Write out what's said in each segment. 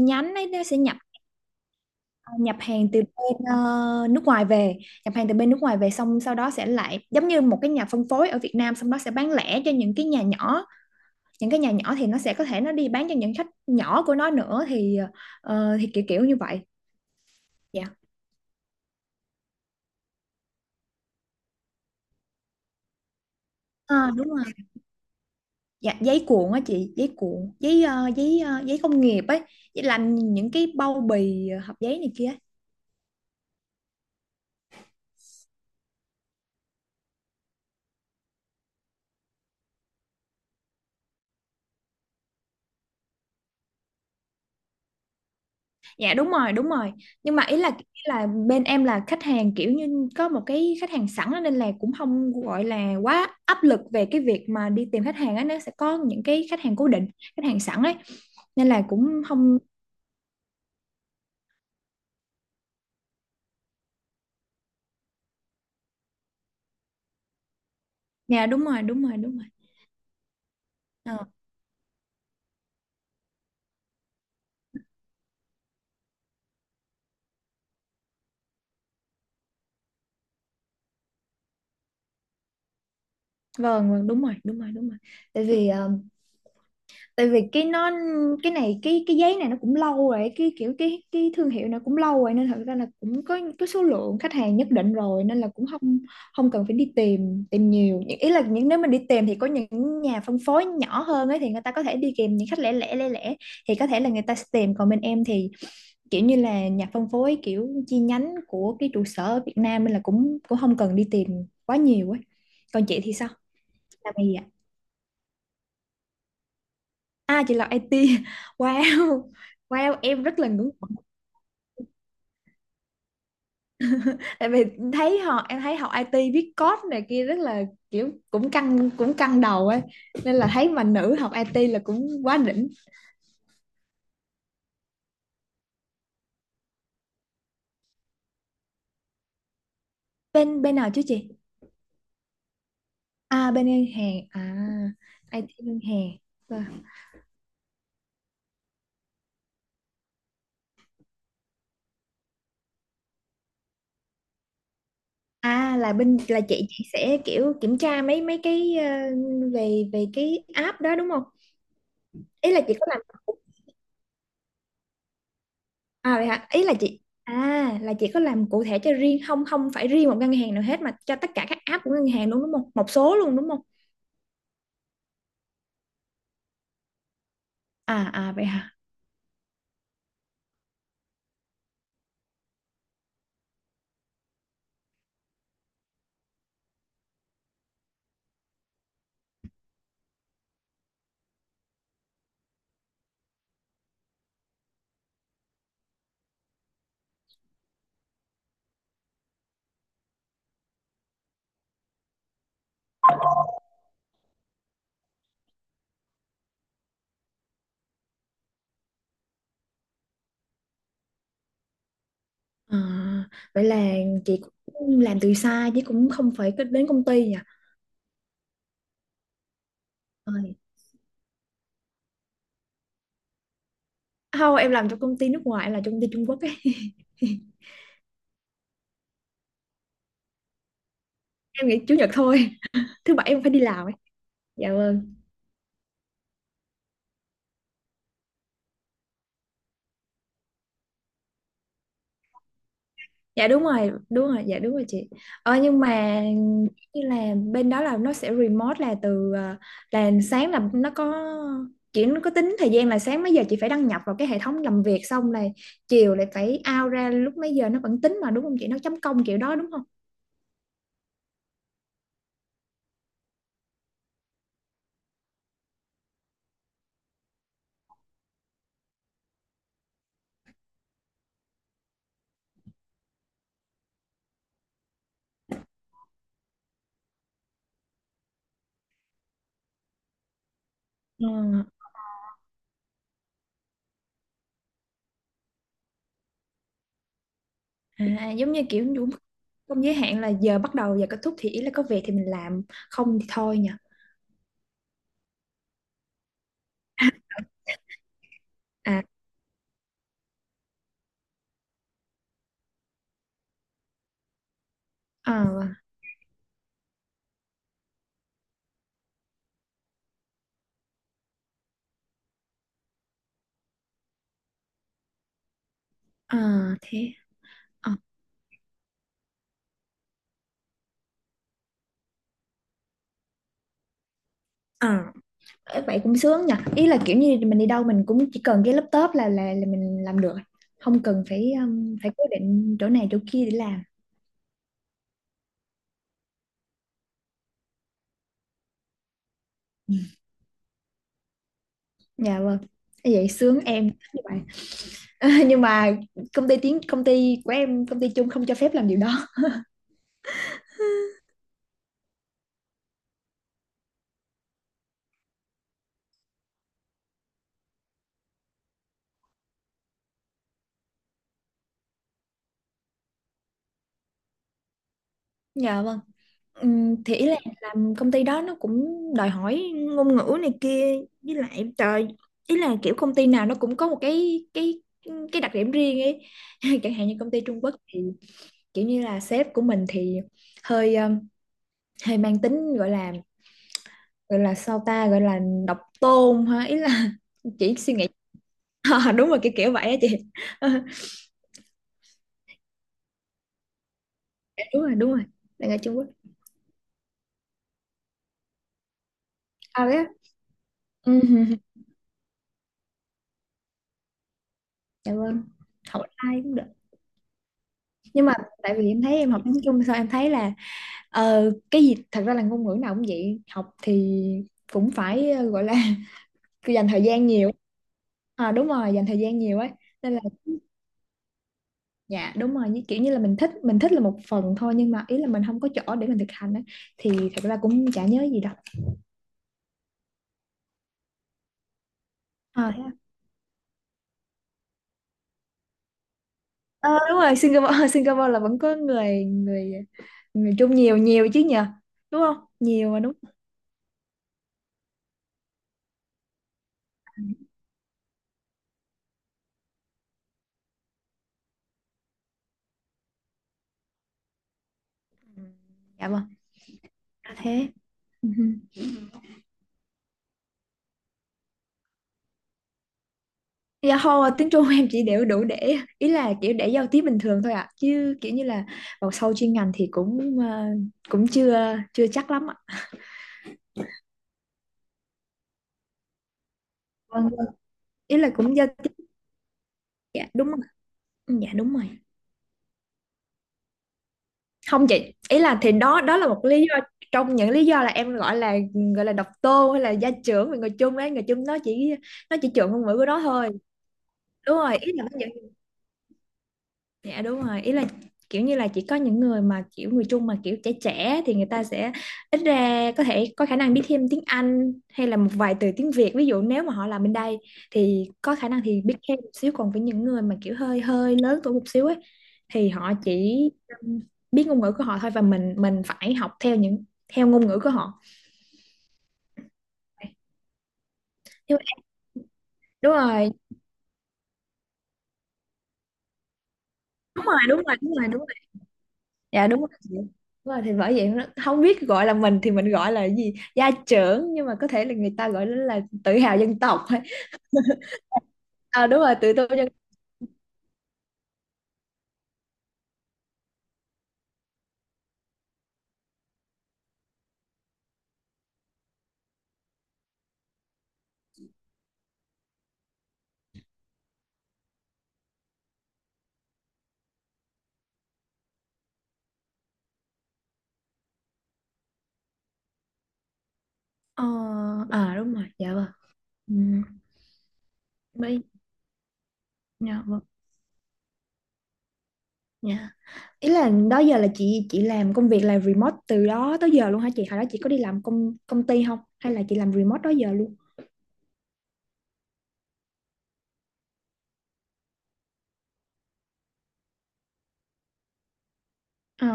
Nhánh ấy nó sẽ nhập ờ, nhập hàng từ bên nước ngoài về. Nhập hàng từ bên nước ngoài về, xong sau đó sẽ lại giống như một cái nhà phân phối ở Việt Nam, xong đó sẽ bán lẻ cho những cái nhà nhỏ. Những cái nhà nhỏ thì nó sẽ có thể nó đi bán cho những khách nhỏ của nó nữa thì thì kiểu kiểu như vậy. Dạ. Ờ, đúng rồi. Dạ, giấy cuộn á chị, giấy cuộn, giấy giấy giấy công nghiệp ấy, giấy làm những cái bao bì hộp giấy này kia. Dạ đúng rồi, đúng rồi. Nhưng mà ý là bên em là khách hàng kiểu như có một cái khách hàng sẵn á, nên là cũng không gọi là quá áp lực về cái việc mà đi tìm khách hàng á, nó sẽ có những cái khách hàng cố định, khách hàng sẵn ấy. Nên là cũng không. Dạ đúng rồi, đúng rồi, đúng rồi. Ờ, vâng, vâng đúng rồi, đúng rồi, đúng rồi. Tại vì tại vì cái nó cái này cái giấy này nó cũng lâu rồi, cái kiểu cái thương hiệu này cũng lâu rồi, nên thật ra là cũng có số lượng khách hàng nhất định rồi, nên là cũng không, không cần phải đi tìm tìm nhiều. Ý là những, nếu mình đi tìm thì có những nhà phân phối nhỏ hơn ấy thì người ta có thể đi kèm những khách lẻ lẻ lẻ lẻ, thì có thể là người ta sẽ tìm, còn bên em thì kiểu như là nhà phân phối kiểu chi nhánh của cái trụ sở ở Việt Nam, nên là cũng cũng không cần đi tìm quá nhiều ấy. Còn chị thì sao, làm gì? À chị làm IT. Wow. Wow, em rất là ngưỡng mộ. Tại vì thấy họ, em thấy học IT viết code này kia rất là kiểu cũng căng, căng đầu ấy. Nên là thấy mà nữ học IT là cũng quá đỉnh. Bên bên nào chứ chị? À bên ngân hàng. À IT ngân hàng. Vâng. À là bên là chị sẽ kiểu kiểm tra mấy mấy cái về về cái app đó đúng không? Ý là chị có làm. À vậy hả? Ý là chị, à là chị có làm cụ thể cho riêng, không, không phải riêng một ngân hàng nào hết mà cho tất cả các app của ngân hàng luôn đúng không? Một số luôn đúng không? À à vậy hả? À, vậy là chị cũng làm từ xa chứ cũng không phải cứ đến công ty nhỉ? Ờ. Không, em làm cho công ty nước ngoài, em làm cho công ty Trung Quốc ấy. Em nghỉ chủ nhật thôi, thứ bảy em phải đi làm ấy. Dạ vâng. Dạ đúng rồi, đúng rồi, dạ đúng rồi chị. Ờ nhưng mà như là bên đó là nó sẽ remote là từ là sáng là nó có, chỉ nó có tính thời gian là sáng mấy giờ chị phải đăng nhập vào cái hệ thống làm việc, xong là chiều lại phải out ra lúc mấy giờ, nó vẫn tính mà đúng không chị, nó chấm công kiểu đó đúng không? Ờ, à, giống như kiểu đúng không, giới hạn là giờ bắt đầu giờ kết thúc, thì ý là có việc thì mình làm, không thì thôi nhỉ. à ờ ờ thế ờ ờ. Ê, vậy cũng sướng nhỉ, ý là kiểu như mình đi đâu mình cũng chỉ cần cái laptop là là mình làm được, không cần phải phải cố định chỗ này chỗ kia để làm. Dạ vâng. Ê, vậy sướng, em thích như vậy. Nhưng mà công ty tiếng, công ty của em, công ty chung không cho phép làm điều đó. Dạ vâng. Thì ý là làm công ty đó nó cũng đòi hỏi ngôn ngữ này kia, với lại trời, ý là kiểu công ty nào nó cũng có một cái đặc điểm riêng ấy. Chẳng hạn như công ty Trung Quốc thì kiểu như là sếp của mình thì hơi hơi mang tính gọi là, gọi là sao ta, gọi là độc tôn ha, ý là chỉ suy nghĩ. Ờ, đúng rồi kiểu kiểu vậy á chị. Dạ, đúng rồi đúng rồi, đang ở Trung Quốc. À đấy á. Ừ, ừ, ừ. Dạ vâng. Học ai cũng được, nhưng mà tại vì em thấy em học tiếng Trung sao em thấy là cái gì thật ra là ngôn ngữ nào cũng vậy, học thì cũng phải gọi là cứ dành thời gian nhiều. À, đúng rồi, dành thời gian nhiều ấy, nên là. Dạ đúng rồi, kiểu như là mình thích, mình thích là một phần thôi, nhưng mà ý là mình không có chỗ để mình thực hành á, thì thật ra cũng chả nhớ gì đâu. À, thế à. Ờ, đúng rồi Singapore. Singapore là vẫn có người, người Trung nhiều, nhiều chứ nhờ, đúng không, nhiều mà đúng. Ừ, dạ vâng. À, thế. Ừ. Dạ thôi, tiếng Trung em chỉ đều đủ để, ý là kiểu để giao tiếp bình thường thôi ạ. À chứ kiểu như là vào sâu chuyên ngành thì cũng cũng chưa chưa chắc lắm ạ. Vâng vâng. Ý là cũng giao tiếp. Dạ đúng rồi. Ừ, dạ đúng rồi. Không chị, ý là thì đó đó là một lý do, trong những lý do là em gọi là, gọi là độc tôn hay là gia trưởng về người chung ấy, người chung nó chỉ, nó chỉ trượng ngôn ngữ của nó thôi. Đúng rồi, ý là nó. Dạ đúng rồi, ý là kiểu như là chỉ có những người mà kiểu người Trung mà kiểu trẻ trẻ thì người ta sẽ ít ra có thể có khả năng biết thêm tiếng Anh hay là một vài từ tiếng Việt. Ví dụ nếu mà họ làm bên đây thì có khả năng thì biết thêm một xíu, còn với những người mà kiểu hơi hơi lớn tuổi một xíu ấy thì họ chỉ um, biết ngôn ngữ của họ thôi, và mình phải học theo theo ngôn ngữ của họ. Đúng rồi, đúng rồi, đúng rồi, đúng rồi, đúng rồi. Dạ đúng rồi chị. Đúng rồi thì bởi vậy nó không biết gọi là, mình thì mình gọi là cái gì gia trưởng, nhưng mà có thể là người ta gọi nó là tự hào dân tộc thôi. À đúng rồi, tự tôn dân. ờ, à đúng rồi dạ vâng. Ừ. Mấy, dạ vâng. Dạ, ý là đó giờ là chị làm công việc là remote từ đó tới giờ luôn hả chị, hồi đó chị có đi làm công công ty không, hay là chị làm remote đó giờ luôn? Ờ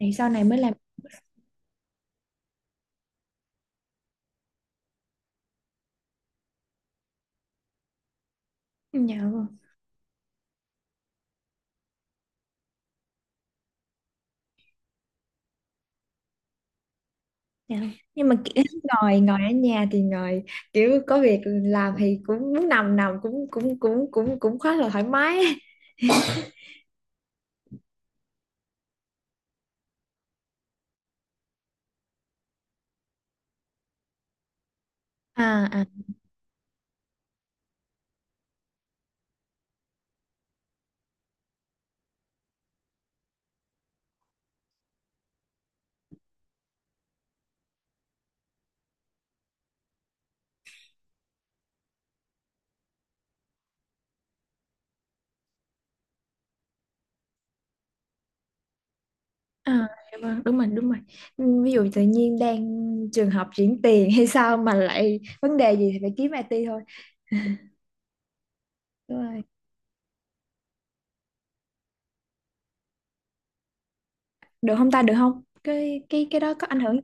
thì sau này mới làm. Dạ vâng. Dạ. Nhưng mà kiểu ngồi ngồi ở nhà thì ngồi kiểu có việc làm thì cũng muốn nằm nằm cũng cũng cũng cũng cũng khá là thoải mái. À à à dạ vâng, đúng rồi đúng rồi. Ừ, ví dụ tự nhiên đang trường học chuyển tiền hay sao mà lại vấn đề gì thì phải kiếm IT thôi, đúng rồi. Được không ta, được không, cái đó có ảnh hưởng